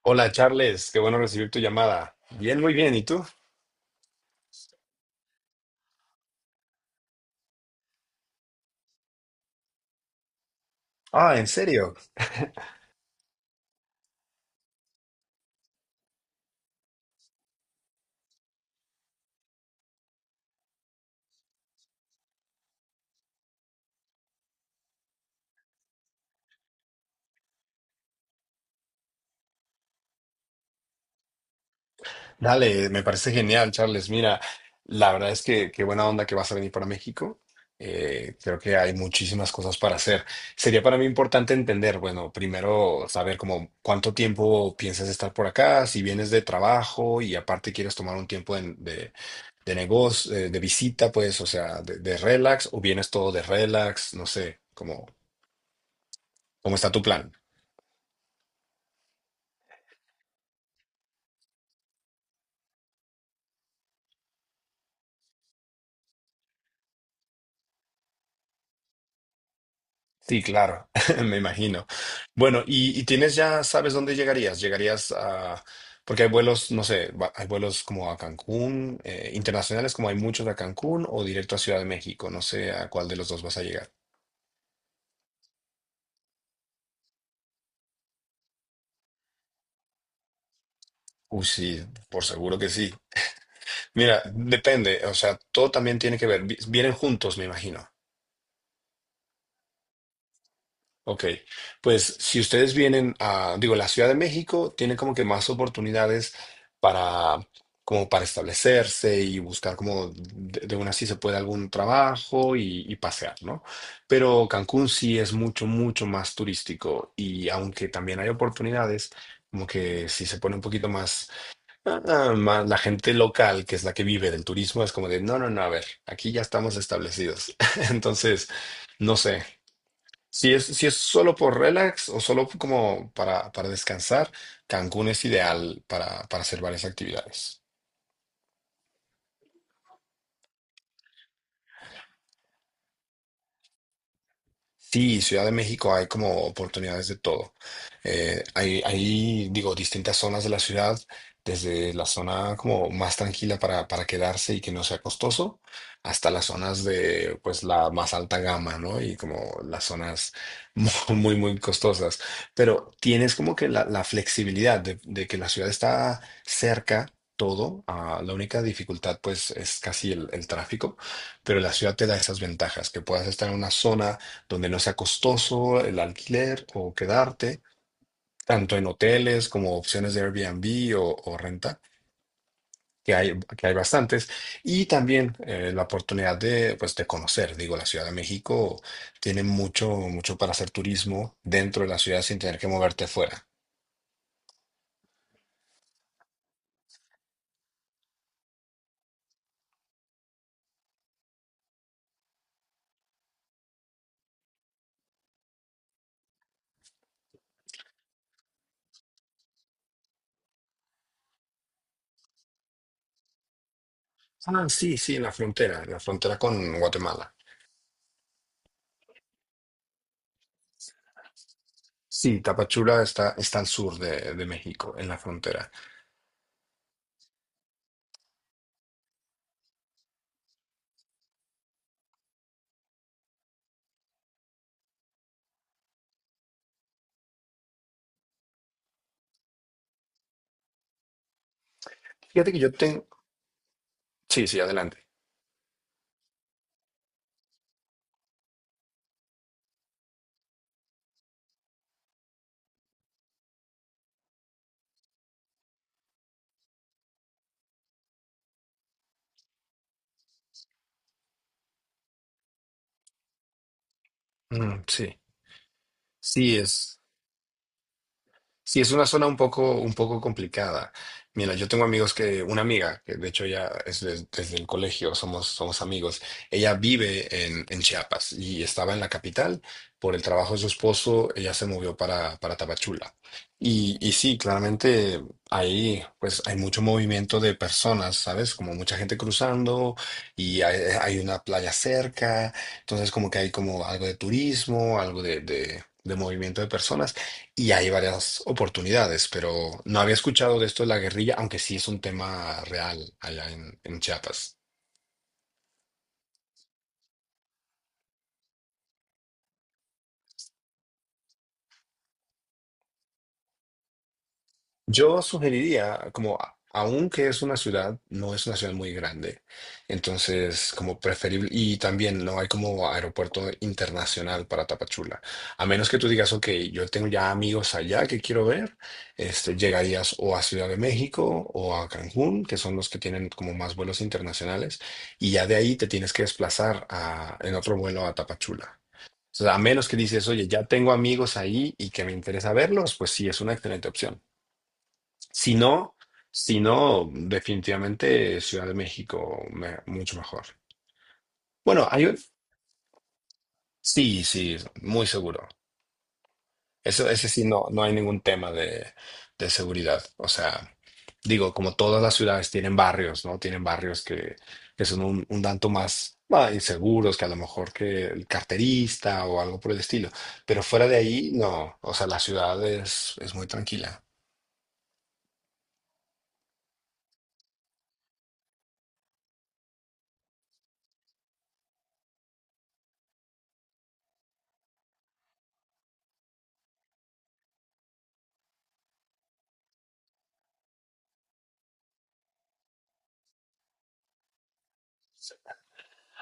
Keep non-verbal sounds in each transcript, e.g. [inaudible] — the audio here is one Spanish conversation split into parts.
Hola Charles, qué bueno recibir tu llamada. Bien, muy bien. ¿Y tú? Ah, ¿en serio? Dale, me parece genial, Charles. Mira, la verdad es que qué buena onda que vas a venir para México. Creo que hay muchísimas cosas para hacer. Sería para mí importante entender, bueno, primero saber como cuánto tiempo piensas estar por acá, si vienes de trabajo y aparte quieres tomar un tiempo de negocio, de visita, pues, o sea, de relax, o vienes todo de relax, no sé, cómo está tu plan. Sí, claro, [laughs] me imagino. Bueno, y tienes ya, ¿sabes dónde llegarías? Llegarías a, porque hay vuelos, no sé, hay vuelos como a Cancún, internacionales, como hay muchos a Cancún o directo a Ciudad de México, no sé a cuál de los dos vas a llegar. Uy, sí, por seguro que sí. Mira, depende, o sea, todo también tiene que ver, vienen juntos, me imagino. Ok, pues si ustedes vienen a, digo, la Ciudad de México tiene como que más oportunidades para, como para establecerse y buscar como de una sí se puede algún trabajo y pasear, ¿no? Pero Cancún sí es mucho, mucho más turístico y aunque también hay oportunidades, como que si se pone un poquito más, ah, más la gente local, que es la que vive del turismo, es como de, no, no, no, a ver, aquí ya estamos establecidos. [laughs] Entonces, no sé. Si es solo por relax o solo como para descansar, Cancún es ideal para hacer varias actividades. Sí, Ciudad de México hay como oportunidades de todo. Hay, digo, distintas zonas de la ciudad, desde la zona como más tranquila para quedarse y que no sea costoso, hasta las zonas de, pues, la más alta gama, ¿no? Y como las zonas [laughs] mu- muy, muy costosas. Pero tienes como que la flexibilidad de que la ciudad está cerca. Todo, ah, la única dificultad pues es casi el tráfico, pero la ciudad te da esas ventajas, que puedas estar en una zona donde no sea costoso el alquiler o quedarte, tanto en hoteles como opciones de Airbnb o renta, que hay bastantes, y también la oportunidad de, pues, de conocer, digo, la Ciudad de México tiene mucho, mucho para hacer turismo dentro de la ciudad sin tener que moverte fuera. Ah, sí, sí, en la frontera con Guatemala. Sí, Tapachula está, está al sur de México, en la frontera. Fíjate que yo tengo... Sí, sí, adelante. Mm, sí, sí, es... Sí, es una zona un poco complicada. Mira, yo tengo amigos que, una amiga, que de hecho ya es desde el colegio, somos, somos amigos, ella vive en Chiapas y estaba en la capital. Por el trabajo de su esposo, ella se movió para Tapachula. Y sí, claramente ahí pues hay mucho movimiento de personas, ¿sabes? Como mucha gente cruzando y hay una playa cerca, entonces como que hay como algo de turismo, algo de, de movimiento de personas y hay varias oportunidades, pero no había escuchado de esto de la guerrilla, aunque sí es un tema real allá en Chiapas. Yo sugeriría, como aunque es una ciudad, no es una ciudad muy grande, entonces como preferible, y también no hay como aeropuerto internacional para Tapachula, a menos que tú digas, ok, yo tengo ya amigos allá que quiero ver, este, llegarías o a Ciudad de México o a Cancún, que son los que tienen como más vuelos internacionales, y ya de ahí te tienes que desplazar en otro vuelo a Tapachula. O sea, a menos que dices, oye, ya tengo amigos ahí y que me interesa verlos, pues sí, es una excelente opción. Si no, si no, definitivamente Ciudad de México, mucho mejor. Bueno, hay un- Sí, sí, muy seguro. Eso, ese sí, no, no hay ningún tema de seguridad. O sea, digo, como todas las ciudades tienen barrios, ¿no? Tienen barrios que son un tanto más bah, inseguros que a lo mejor que el carterista o algo por el estilo. Pero fuera de ahí, no. O sea, la ciudad es muy tranquila.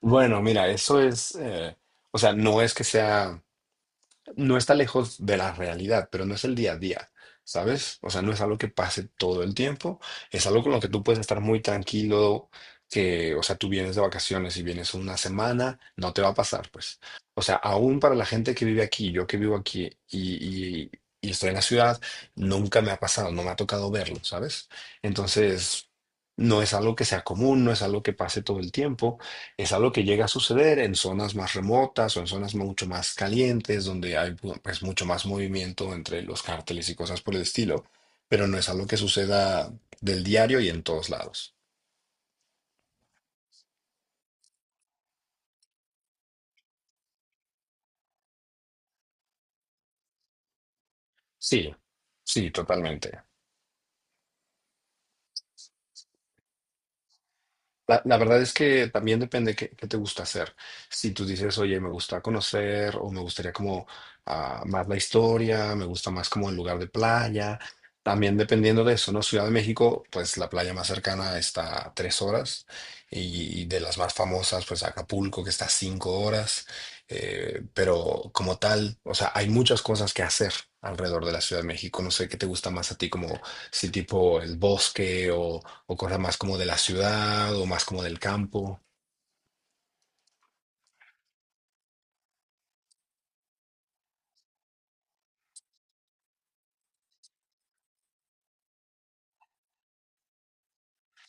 Bueno, mira, eso es, o sea, no es que sea no está lejos de la realidad, pero no es el día a día, ¿sabes? O sea, no es algo que pase todo el tiempo, es algo con lo que tú puedes estar muy tranquilo, que, o sea, tú vienes de vacaciones y vienes una semana, no te va a pasar, pues. O sea, aún para la gente que vive aquí, yo que vivo aquí y estoy en la ciudad, nunca me ha pasado, no me ha tocado verlo, ¿sabes? Entonces, no es algo que sea común, no es algo que pase todo el tiempo. Es algo que llega a suceder en zonas más remotas o en zonas mucho más calientes, donde hay pues mucho más movimiento entre los cárteles y cosas por el estilo, pero no es algo que suceda del diario y en todos lados. Sí, sí, totalmente. La verdad es que también depende qué te gusta hacer. Si tú dices, oye, me gusta conocer o me gustaría como ah, más la historia, me gusta más como el lugar de playa, también dependiendo de eso, ¿no? Ciudad de México, pues la playa más cercana está a 3 horas y de las más famosas, pues Acapulco, que está a 5 horas. Pero como tal, o sea, hay muchas cosas que hacer alrededor de la Ciudad de México. No sé qué te gusta más a ti, como si tipo el bosque o cosas más como de la ciudad o más como del campo.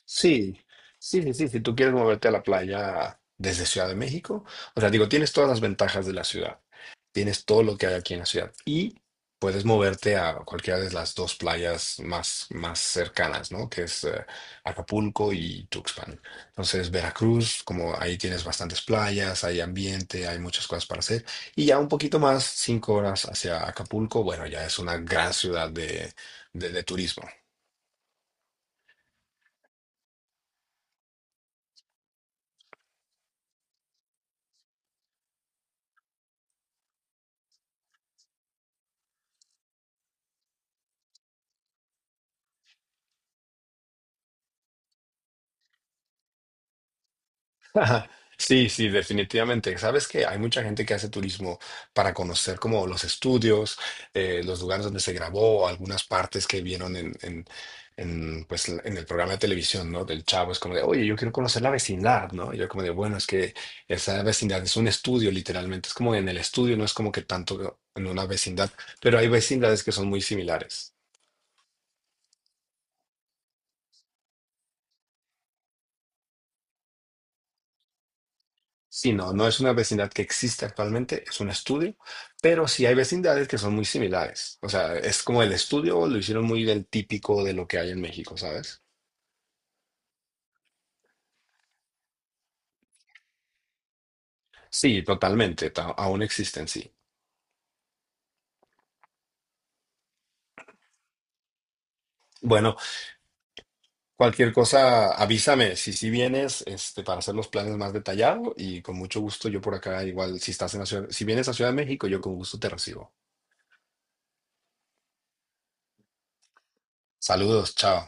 Sí, sí, sí, sí. Si tú quieres moverte a la playa desde Ciudad de México, o sea, digo, tienes todas las ventajas de la ciudad, tienes todo lo que hay aquí en la ciudad y puedes moverte a cualquiera de las dos playas más, más cercanas, ¿no? Que es Acapulco y Tuxpan. Entonces, Veracruz, como ahí tienes bastantes playas, hay ambiente, hay muchas cosas para hacer. Y ya un poquito más, 5 horas hacia Acapulco, bueno, ya es una gran ciudad de, de turismo. [laughs] Ajá. Sí, sí, definitivamente. Sabes que hay mucha gente que hace turismo para conocer como los estudios, los lugares donde se grabó, algunas partes que vieron en, pues, en el programa de televisión, ¿no? Del Chavo. Es como de, oye, yo quiero conocer la vecindad, ¿no? Y yo como de, bueno, es que esa vecindad es un estudio, literalmente. Es como en el estudio, no es como que tanto en una vecindad, pero hay vecindades que son muy similares. Sí, no, no es una vecindad que existe actualmente, es un estudio, pero sí hay vecindades que son muy similares. O sea, es como el estudio lo hicieron muy del típico de lo que hay en México, ¿sabes? Sí, totalmente, aún existen, sí. Bueno, cualquier cosa, avísame si si vienes este, para hacer los planes más detallados y con mucho gusto yo por acá, igual si estás en la ciudad, si vienes a Ciudad de México, yo con gusto te recibo. Saludos, chao.